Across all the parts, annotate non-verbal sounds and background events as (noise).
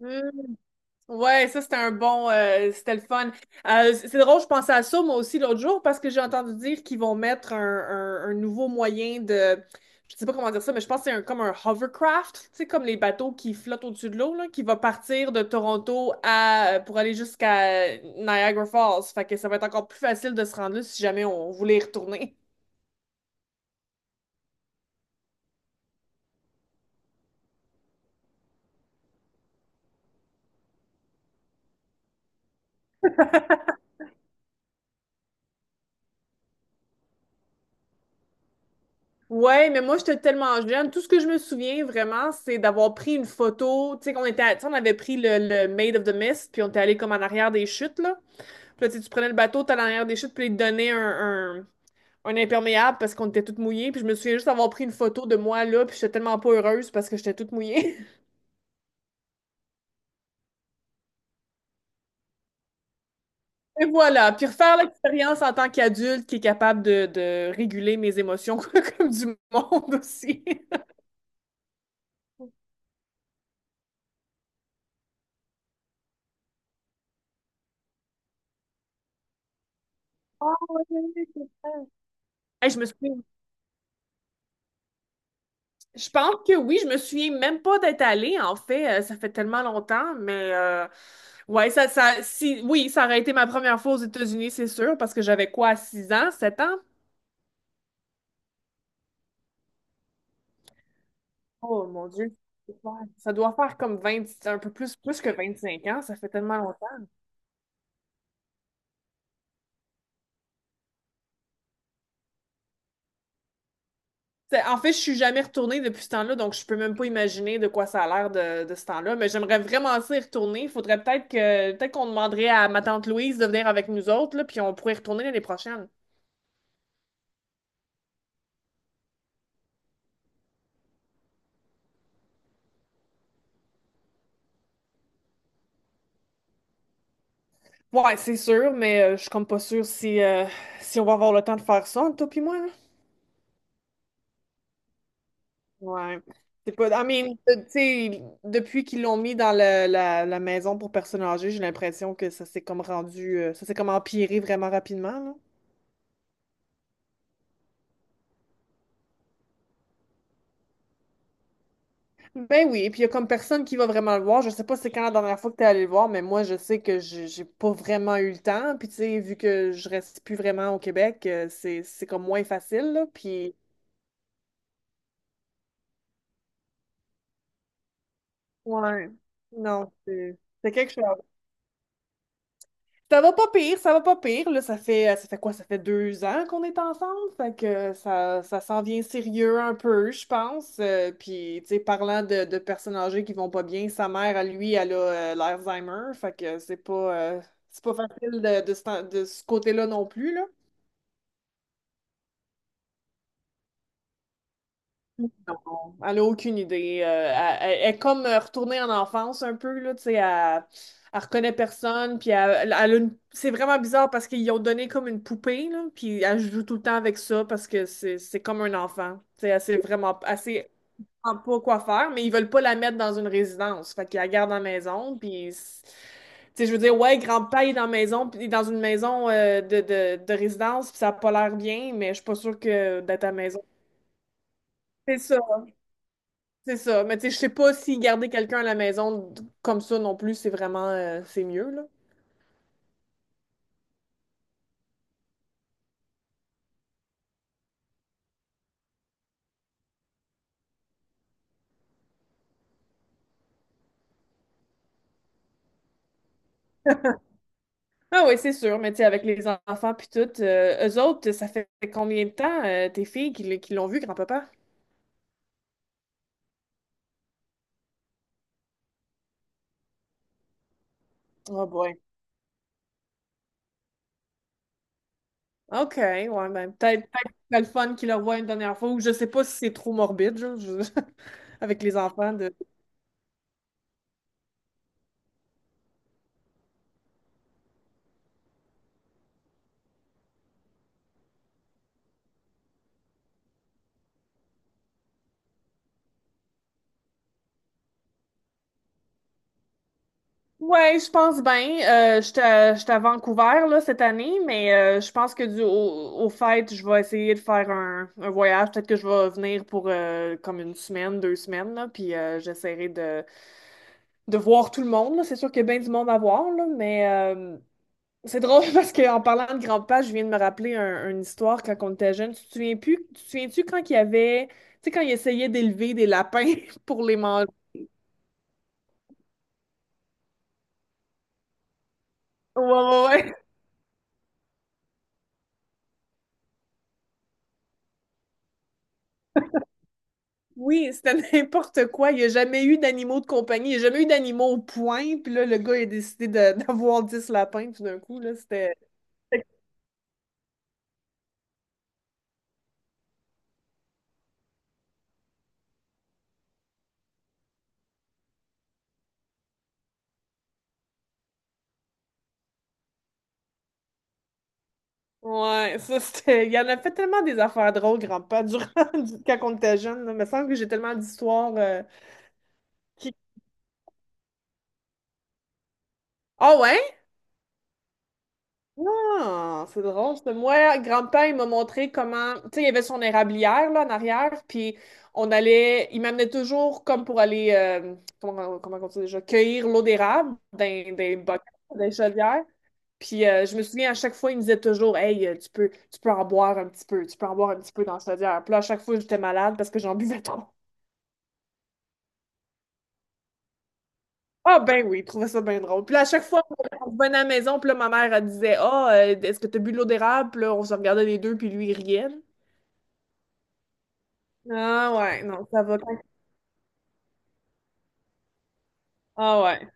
Mm. Ouais, ça c'était un bon, c'était le fun. C'est drôle, je pensais à ça moi aussi l'autre jour parce que j'ai entendu dire qu'ils vont mettre un, un nouveau moyen de, je sais pas comment dire ça, mais je pense que c'est comme un hovercraft, tu sais, comme les bateaux qui flottent au-dessus de l'eau, là, qui va partir de Toronto pour aller jusqu'à Niagara Falls. Fait que ça va être encore plus facile de se rendre là si jamais on voulait y retourner. Ouais, mais moi, j'étais tellement jeune. Tout ce que je me souviens vraiment, c'est d'avoir pris une photo. Tu sais, qu'on était, tu sais, on avait pris le Maid of the Mist, puis on était allé comme en arrière des chutes, là. Puis là, tu sais, tu prenais le bateau, t'allais en arrière des chutes, puis ils te donnaient un imperméable parce qu'on était toutes mouillées. Puis je me souviens juste avoir pris une photo de moi, là, puis j'étais tellement pas heureuse parce que j'étais toute mouillée. (laughs) Et voilà. Puis refaire l'expérience en tant qu'adulte qui est capable de réguler mes émotions (laughs) comme du monde aussi. (laughs) Ah ouais. Hey, je me souviens. Je pense que oui, je me souviens même pas d'être allée, en fait, ça fait tellement longtemps, mais ouais, si, oui, ça aurait été ma première fois aux États-Unis, c'est sûr, parce que j'avais quoi, 6 ans, 7 ans? Oh mon Dieu, ça doit faire comme 20, un peu plus que 25 ans, ça fait tellement longtemps. En fait, je suis jamais retournée depuis ce temps-là, donc je peux même pas imaginer de quoi ça a l'air de ce temps-là, mais j'aimerais vraiment s'y retourner. Il faudrait peut-être qu'on demanderait à ma tante Louise de venir avec nous autres, là, puis on pourrait y retourner l'année prochaine. Ouais, c'est sûr, mais je suis comme pas sûre si on va avoir le temps de faire ça, entre toi pis moi, là. Ouais. C'est pas. I mean, tu sais, depuis qu'ils l'ont mis dans la maison pour personnes âgées, j'ai l'impression que ça s'est comme ça s'est comme empiré vraiment rapidement, là. Ben oui, et puis il y a comme personne qui va vraiment le voir. Je sais pas c'est quand la dernière fois que t'es allé le voir, mais moi, je sais que j'ai pas vraiment eu le temps. Puis tu sais, vu que je reste plus vraiment au Québec, c'est comme moins facile, là. Puis. Ouais. Non, c'est quelque chose. Ça va pas pire, ça va pas pire. Là, ça fait quoi? Ça fait 2 ans qu'on est ensemble. Fait que ça s'en vient sérieux un peu, je pense. Puis, tu sais, parlant de personnes âgées qui vont pas bien, sa mère, à lui, elle a l'Alzheimer. Fait que c'est pas facile de ce côté-là non plus. Non, elle n'a aucune idée. Elle est comme retournée en enfance un peu, là, tu sais, elle reconnaît personne, puis c'est vraiment bizarre parce qu'ils ont donné comme une poupée, là, puis elle joue tout le temps avec ça parce que c'est comme un enfant. Tu sais, elle sait vraiment pas quoi faire, mais ils veulent pas la mettre dans une résidence. Fait qu'ils la gardent à la maison, Tu sais, je veux dire, ouais, grand-père il est dans la maison, puis il est dans une maison de résidence, puis ça a pas l'air bien, mais je suis pas sûre que d'être à la maison. C'est ça. C'est ça. Mais tu sais, je sais pas si garder quelqu'un à la maison comme ça non plus, c'est mieux, là. Ah oui, c'est sûr. Mais tu sais, avec les enfants puis tout, eux autres, ça fait combien de temps, tes filles, qui l'ont vu, grand-papa? Oh boy. OK, ouais, ben peut-être que c'est le fun qu'ils le voient une dernière fois, ou je sais pas si c'est trop morbide, genre, (laughs) avec les enfants de. Ouais, je pense bien. J'étais à Vancouver là, cette année, mais je pense que au fait, je vais essayer de faire un voyage. Peut-être que je vais venir pour comme 1 semaine, 2 semaines, là, puis j'essaierai de voir tout le monde. Là. C'est sûr qu'il y a bien du monde à voir, là, mais euh, c'est drôle (laughs) parce qu'en parlant de grand-papa, je viens de me rappeler une histoire quand on était jeune. Tu te souviens-tu quand il y avait, tu sais, quand il essayait d'élever des lapins (laughs) pour les manger? Ouais, ouais. Oui, c'était (laughs) n'importe quoi. Il n'y a jamais eu d'animaux de compagnie. Il n'y a jamais eu d'animaux au point. Puis là, le gars, il a décidé (laughs) d'avoir 10 lapins tout d'un coup. Là, c'était. Ouais, ça, c'était. Il y en a fait tellement des affaires drôles, grand-père, durant (laughs) quand on était jeune, là. Il me semble que j'ai tellement d'histoires qui. Ah ouais? Ah, c'est drôle, ça. Moi, grand-père, il m'a montré comment. Tu sais, il y avait son érablière, là, en arrière, puis on allait. Il m'amenait toujours comme pour aller. Comment on dit déjà? Cueillir l'eau d'érable dans des bocaux, des chaudières. Puis je me souviens, à chaque fois, il me disait toujours, Hey, tu peux en boire un petit peu, tu peux en boire un petit peu dans la chaudière. Puis là, à chaque fois, j'étais malade parce que j'en buvais trop. Ah, ben oui, il trouvait ça bien drôle. Puis là, à chaque fois, on revenait à la maison, puis là, ma mère, elle disait, Ah, est-ce que tu as bu de l'eau d'érable? Puis là, on se regardait les deux, puis lui, il riait. Ah ouais, non, ça va quand. Ah ouais.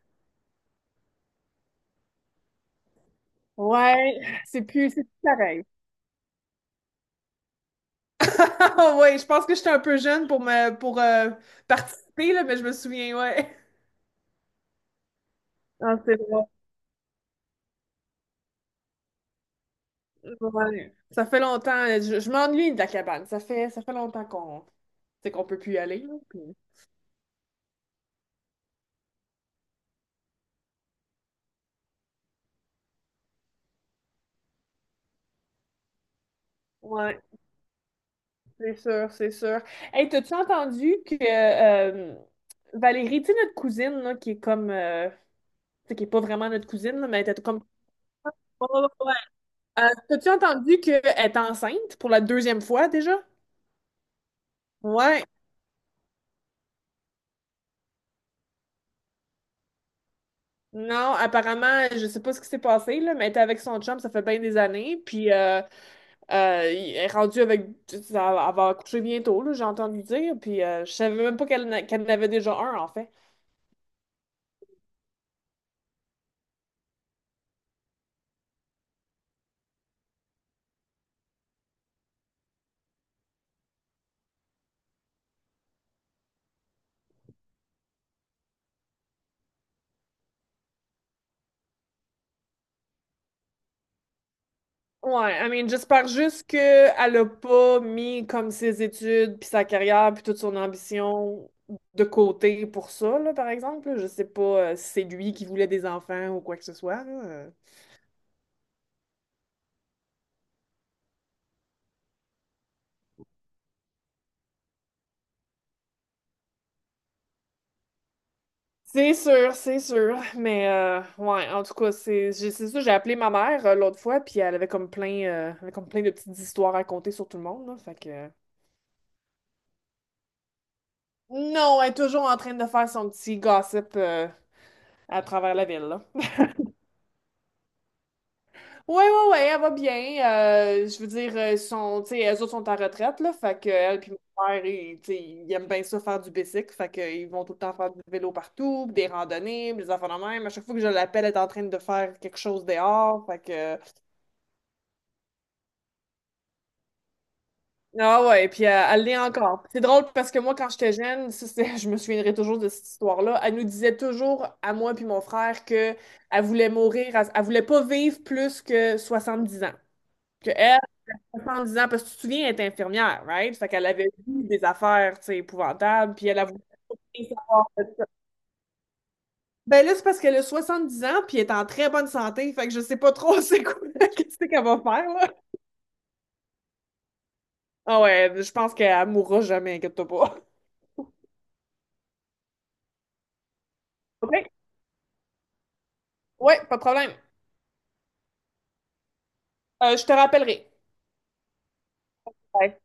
Ouais, c'est plus pareil. (laughs) Ouais, je pense que j'étais un peu jeune pour participer, là, mais je me souviens, ouais. Ah, c'est drôle. Ouais. Ça fait longtemps, là. Je m'ennuie de la cabane. Ça fait longtemps qu'on peut plus y aller, là, Ouais, c'est sûr, c'est sûr. Hey, t'as-tu entendu que euh, Valérie, tu sais, notre cousine, là, qui est comme tu sais, qui est pas vraiment notre cousine, là, mais elle était comme. T'as-tu entendu qu'elle est enceinte pour la deuxième fois déjà? Ouais. Non, apparemment, je sais pas ce qui s'est passé, là, mais elle était avec son chum, ça fait bien des années, puis il est rendue avec. Elle va accoucher bientôt, là, j'ai entendu dire, puis je savais même pas qu'elle n'a- qu'elle en avait déjà un, en fait. Ouais, I mean, j'espère juste qu'elle a pas mis comme ses études, puis sa carrière, puis toute son ambition de côté pour ça, là, par exemple, là. Je sais pas si c'est lui qui voulait des enfants ou quoi que ce soit, là. C'est sûr, c'est sûr. Mais ouais, en tout cas, c'est ça, j'ai appelé ma mère l'autre fois, puis elle avait comme plein de petites histoires à raconter sur tout le monde, là. Fait que. Non, elle est toujours en train de faire son petit gossip à travers la ville, là. Ouais, ouais, ouais, elle va bien. Je veux dire, tu sais, elles autres sont en retraite, là. Fait que, elle puis mon père, ils, tu sais, ils aiment bien ça faire du bicycle. Fait que, ils vont tout le temps faire du vélo partout, puis des randonnées, puis des affaires de même. À chaque fois que je l'appelle, elle est en train de faire quelque chose dehors. Fait que, ah ouais, puis elle l'est encore. C'est drôle parce que moi, quand j'étais jeune, (laughs) je me souviendrai toujours de cette histoire-là. Elle nous disait toujours, à moi puis mon frère, que elle voulait mourir, elle, elle voulait pas vivre plus que 70 ans. Que elle, 70 ans, parce que tu te souviens, elle était infirmière, right? Fait qu'elle avait vu des affaires, tu sais, épouvantables, puis elle a voulu rien savoir. Ben là, c'est parce qu'elle a 70 ans, puis elle est en très bonne santé, fait que je sais pas trop (laughs) c'est quoi, qu'est-ce qu'elle va faire, là. Ah ouais, je pense qu'elle mourra jamais, inquiète-toi pas. OK? Ouais, pas de problème. Je te rappellerai. Bye.